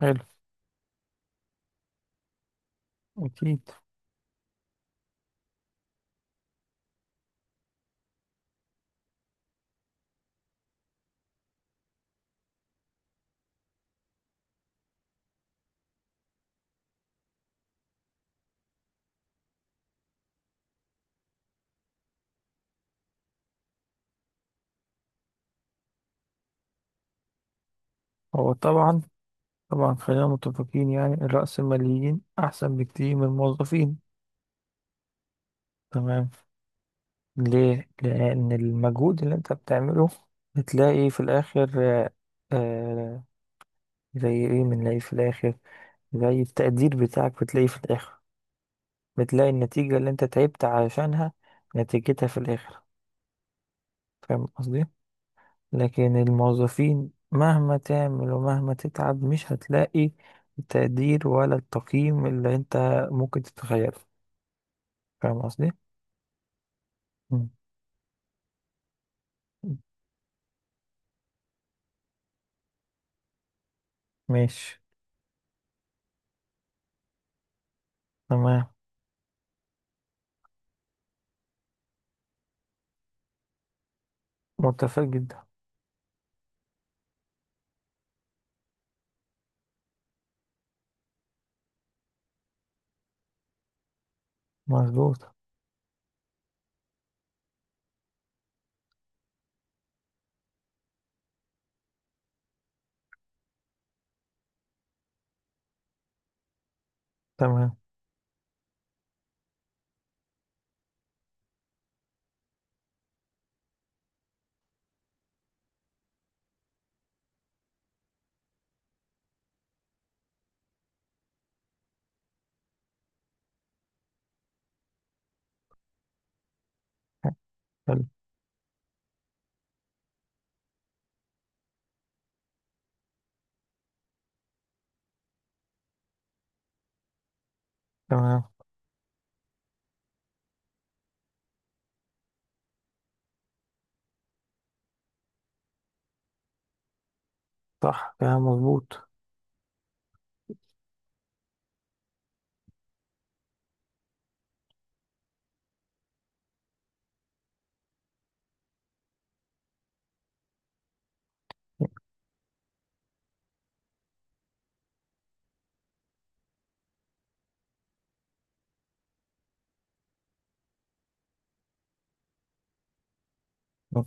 حلو. أكيد. هو طبعا. طبعا، خلينا متفقين يعني الرأسماليين أحسن بكتير من الموظفين. تمام. ليه؟ لأن المجهود اللي أنت بتعمله بتلاقي في الآخر. آه. آه، زي إيه بنلاقي في الآخر، زي التقدير بتاعك بتلاقيه في الآخر، بتلاقي النتيجة اللي أنت تعبت علشانها نتيجتها في الآخر. فاهم قصدي؟ لكن الموظفين مهما تعمل ومهما تتعب مش هتلاقي التقدير ولا التقييم اللي انت ممكن تتخيله. فاهم قصدي؟ مم. ماشي. تمام. متفق جدا. مظبوط. تمام. حلو. تمام. صح، كلام مظبوط. مم.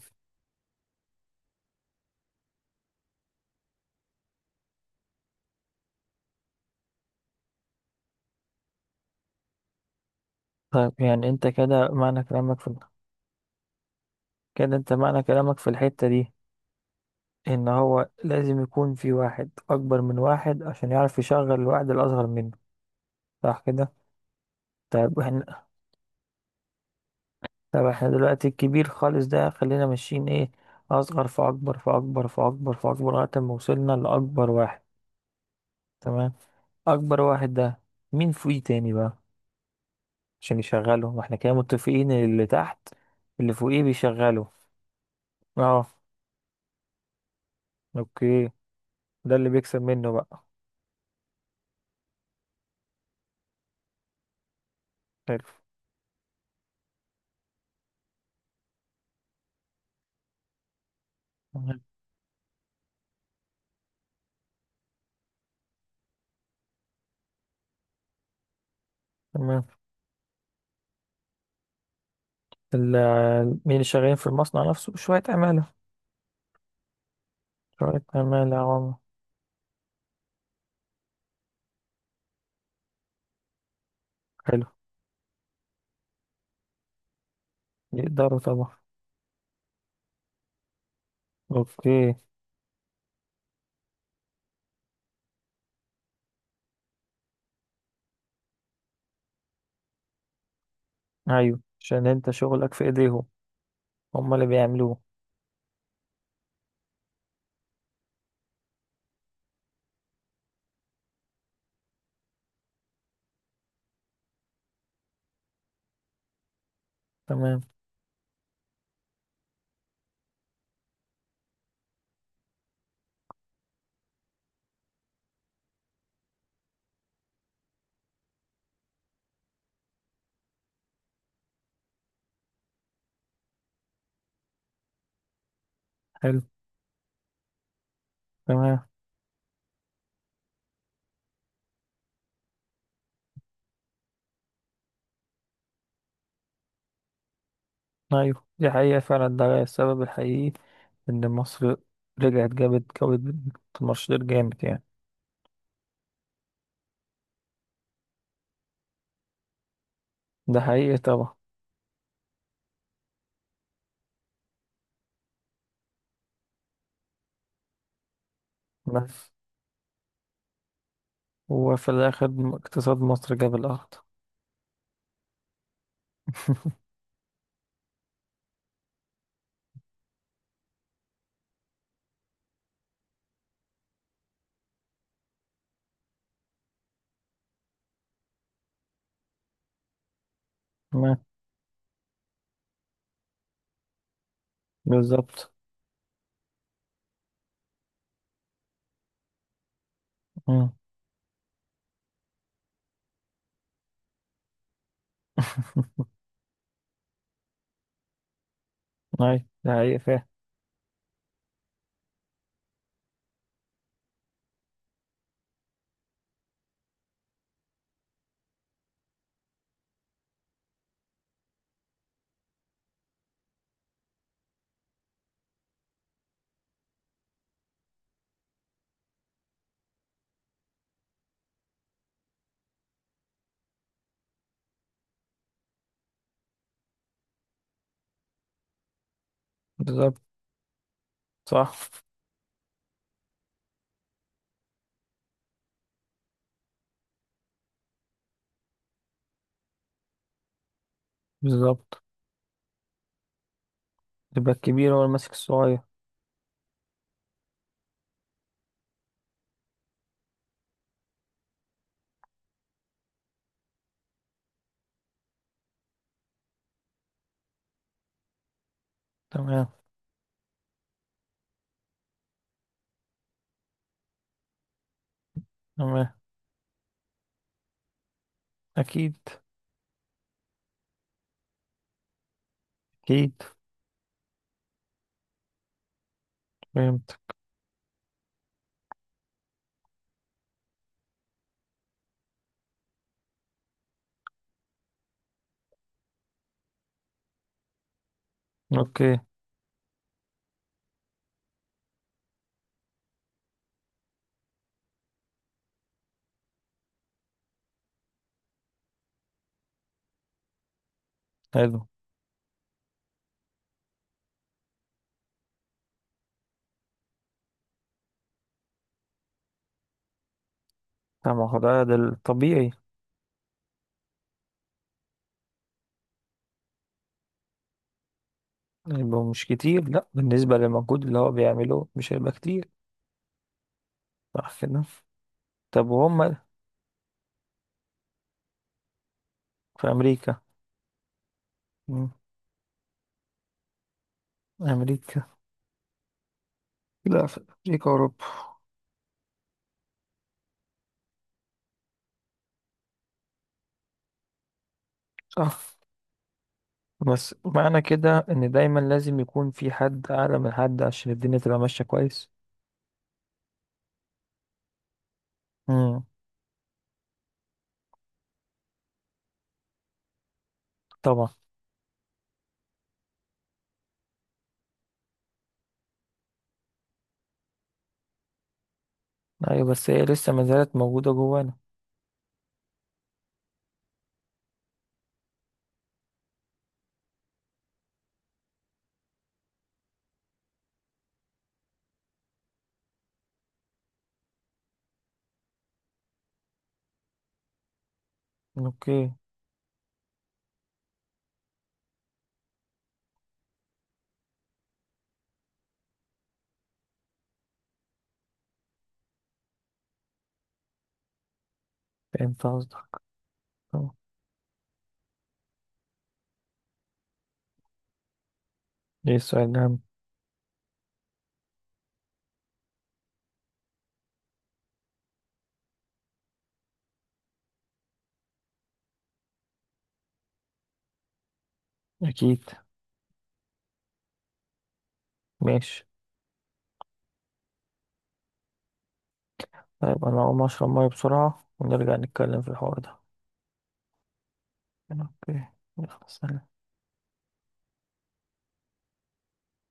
طيب يعني انت كده معنى كلامك في، كده انت معنى كلامك في الحتة دي ان هو لازم يكون في واحد اكبر من واحد عشان يعرف يشغل الواحد الاصغر منه. صح كده؟ طيب احنا، طب احنا دلوقتي الكبير خالص ده خلينا ماشيين ايه، اصغر فاكبر فاكبر فاكبر فاكبر لغايه ما وصلنا لاكبر واحد. تمام. اكبر واحد ده مين فوقيه تاني بقى عشان يشغله؟ ما احنا كده متفقين إن اللي تحت اللي فوقيه بيشغله. اه. اوكي. ده اللي بيكسب منه بقى. حلو. تمام. تمام. مين اللي شغالين في المصنع نفسه؟ شويه عماله. شويه عماله يا عم. حلو. يقدروا طبعا. اوكي. ايوه، عشان انت شغلك في ايديهم، هما اللي بيعملوه. تمام. حلو. تمام. ايوه، دي حقيقة فعلا، ده السبب الحقيقي ان مصر رجعت جابت مشروع جامد يعني. ده حقيقي طبعا، بس هو في الاخر اقتصاد مصر جاب الارض. تمام. بالظبط. مم. ايوه ده حقيقي فعلا. بالظبط. صح. بالظبط. يبقى الكبير هو اللي ماسك الصغير. تمام. تمام. اكيد. اكيد. فهمت. اوكي. حلو. طبعا ده الطبيعي. يبقوا مش كتير، لا بالنسبة للمجهود اللي هو بيعمله مش هيبقى كتير. صح كده. طب وهم في أمريكا. مم. أمريكا. لا في. أمريكا أوروبا. صح، بس معنى كده إن دايما لازم يكون في حد أعلى من حد عشان الدنيا تبقى ماشية كويس. مم. طبعا. أيوة، بس هي لسه ما زالت موجودة جوانا. أوكي. فهمت قصدك. طبعا. إيه السؤال ده؟ أكيد. ماشي. طيب أنا هقوم أشرب مية بسرعة ونرجع نتكلم في الحوار ده. أوكي. يلا سلام.